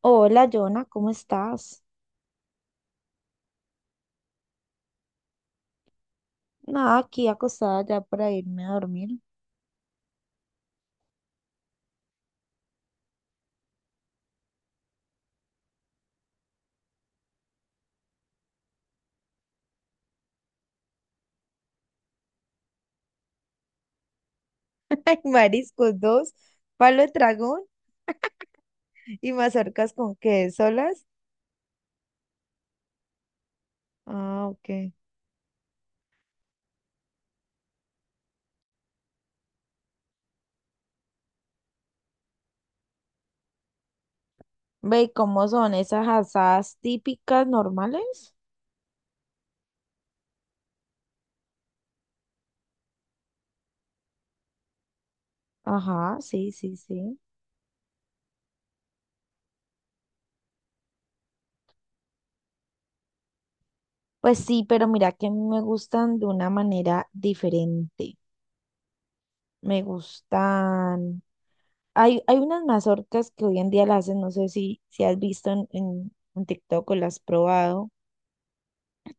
Hola, Jonah, ¿cómo estás? Nada, aquí acostada ya para irme a dormir. Ay, mariscos dos, palo de dragón y mazorcas con qué, ¿solas? Ah, ok. Ve, ¿cómo son esas asadas típicas normales? Ajá, sí, sí, sí. Pues sí, pero mira que a mí me gustan de una manera diferente. Me gustan. Hay unas mazorcas que hoy en día las hacen, no sé si has visto en TikTok o las has probado.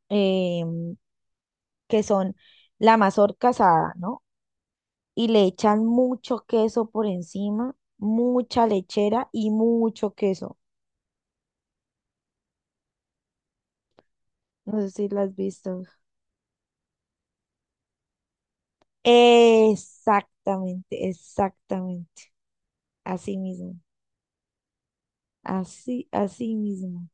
eh, que son la mazorca asada, ¿no? Y le echan mucho queso por encima, mucha lechera y mucho queso. No sé si las has visto. Exactamente, exactamente. Así mismo, así, así mismo.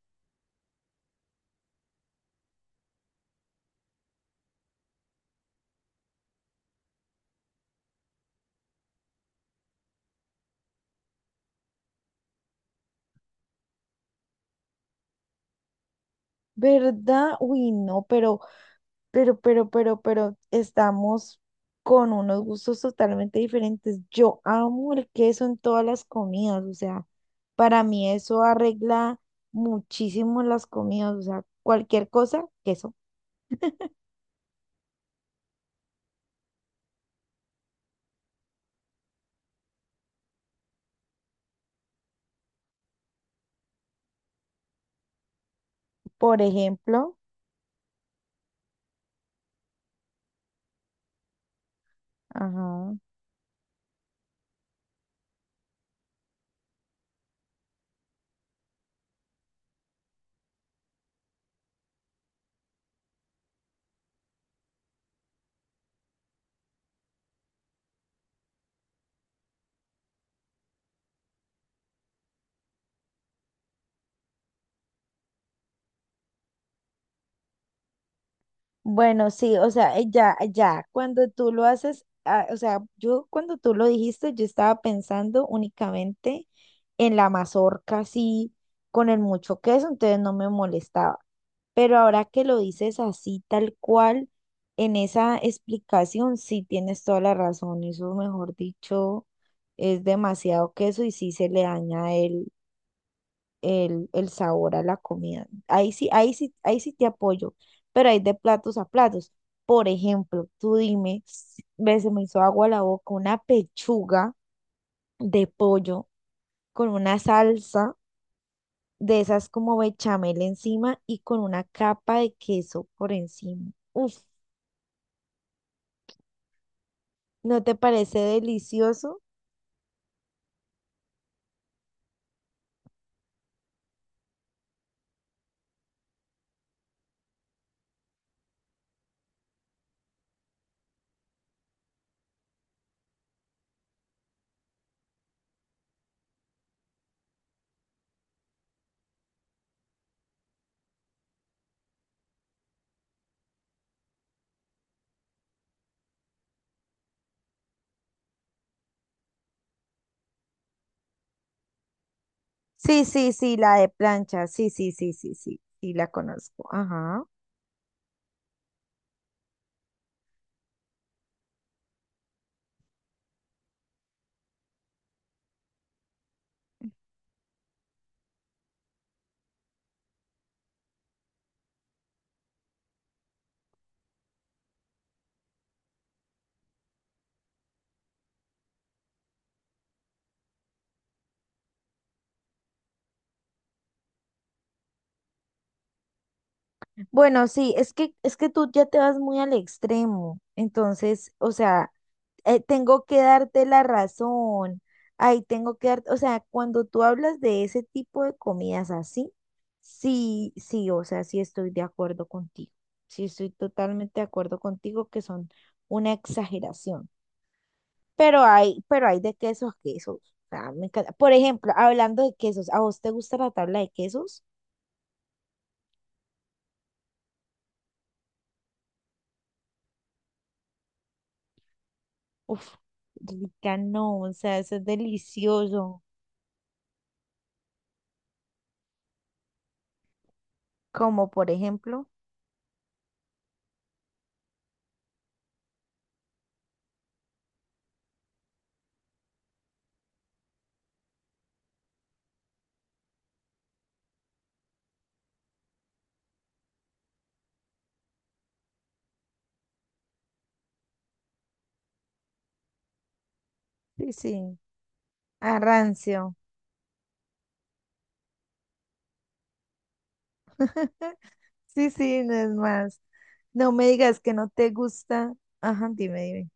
¿Verdad? Uy, no, pero pero estamos con unos gustos totalmente diferentes. Yo amo el queso en todas las comidas, o sea, para mí eso arregla muchísimo las comidas, o sea, cualquier cosa, queso. Por ejemplo, ajá. Bueno, sí, o sea, cuando tú lo haces, ah, o sea, yo cuando tú lo dijiste, yo estaba pensando únicamente en la mazorca, así, con el mucho queso, entonces no me molestaba. Pero ahora que lo dices así, tal cual, en esa explicación, sí tienes toda la razón, eso, mejor dicho, es demasiado queso y sí se le daña el sabor a la comida. Ahí sí, ahí sí, ahí sí te apoyo, pero hay de platos a platos. Por ejemplo, tú dime, ve, se me hizo agua la boca, una pechuga de pollo con una salsa de esas como bechamel encima y con una capa de queso por encima. Uf, ¿no te parece delicioso? Sí, sí, sí, la de plancha, sí, sí, sí, sí, sí, sí, la conozco. Ajá. Bueno, sí, es que tú ya te vas muy al extremo. Entonces, o sea, tengo que darte la razón. Ahí tengo que dar, o sea, cuando tú hablas de ese tipo de comidas así, sí, sí, o sea, sí estoy de acuerdo contigo. Sí estoy totalmente de acuerdo contigo que son una exageración. Pero hay de quesos a quesos. O sea, me encanta. Por ejemplo, hablando de quesos, ¿a vos te gusta la tabla de quesos? Uf, rica no, o sea, eso es delicioso. Como por ejemplo, sí, sí, arrancio. Sí, sí, no es más. No me digas que no te gusta. Ajá, dime, dime.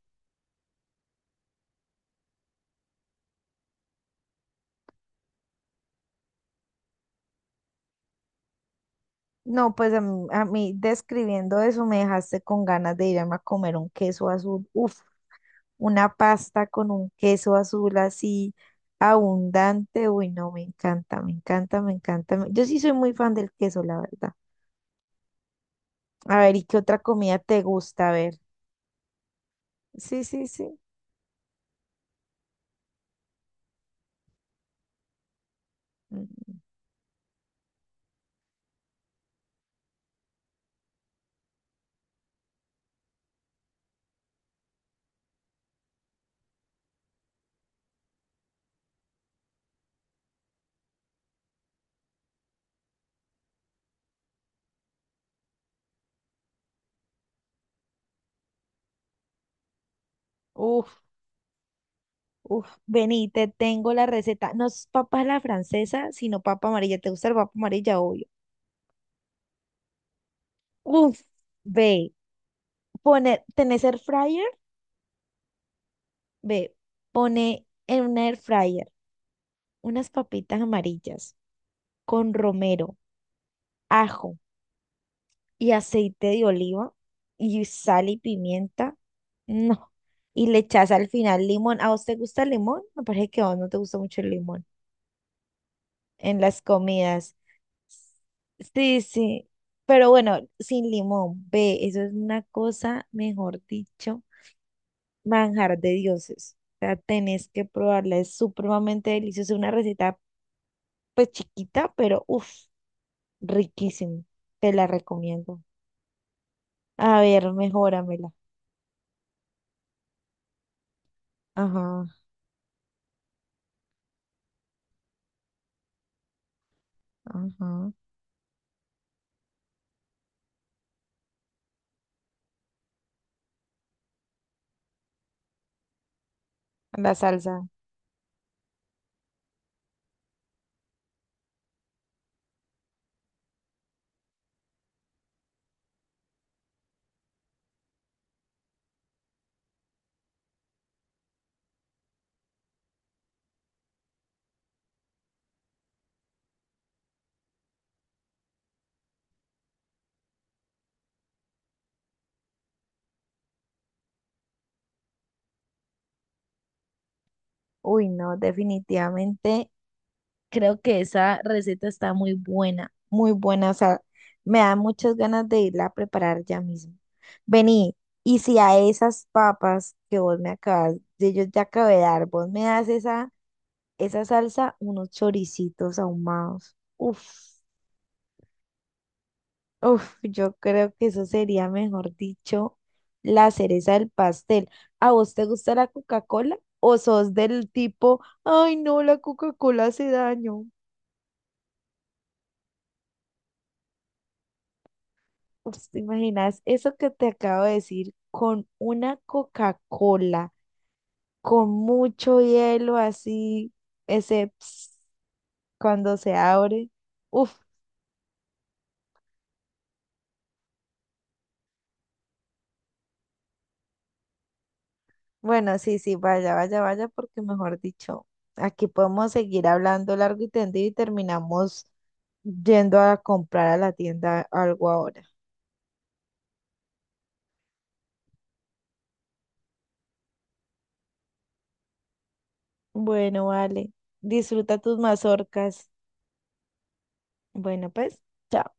No, pues a mí describiendo eso me dejaste con ganas de irme a comer un queso azul. Uf, una pasta con un queso azul así abundante. Uy, no, me encanta, me encanta, me encanta. Yo sí soy muy fan del queso, la verdad. A ver, ¿y qué otra comida te gusta? A ver. Sí, sí, sí. Mm, uf, uf, vení, te tengo la receta. No es papa a la francesa, sino papa amarilla. ¿Te gusta el papa amarilla? Obvio. Uf, ve, pone, ¿tenés air fryer? Ve, pone en un air fryer unas papitas amarillas con romero, ajo y aceite de oliva y sal y pimienta. No. Y le echas al final limón. ¿A vos te gusta el limón? Me parece que a vos no te gusta mucho el limón en las comidas. Sí, sí, pero bueno, sin limón, ve, eso es una cosa, mejor dicho, manjar de dioses. O sea, tenés que probarla, es supremamente deliciosa, una receta pues chiquita, pero uff, riquísimo. Te la recomiendo. A ver, mejóramela. Ajá, ajá. La salsa. Uy, no, definitivamente creo que esa receta está muy buena, muy buena. O sea, me da muchas ganas de irla a preparar ya mismo. Vení, y si a esas papas que vos me acabas, de yo te acabé de dar, vos me das esa, esa salsa, unos choricitos ahumados. Uf, uf, yo creo que eso sería, mejor dicho, la cereza del pastel. ¿A vos te gusta la Coca-Cola? ¿O sos del tipo, ay no, la Coca-Cola hace daño? Uf, ¿te imaginas eso que te acabo de decir con una Coca-Cola, con mucho hielo así, ese ps cuando se abre? Uf, bueno, sí, sí, vaya, vaya, vaya, porque mejor dicho, aquí podemos seguir hablando largo y tendido y terminamos yendo a comprar a la tienda algo ahora. Bueno, vale, disfruta tus mazorcas. Bueno, pues, chao.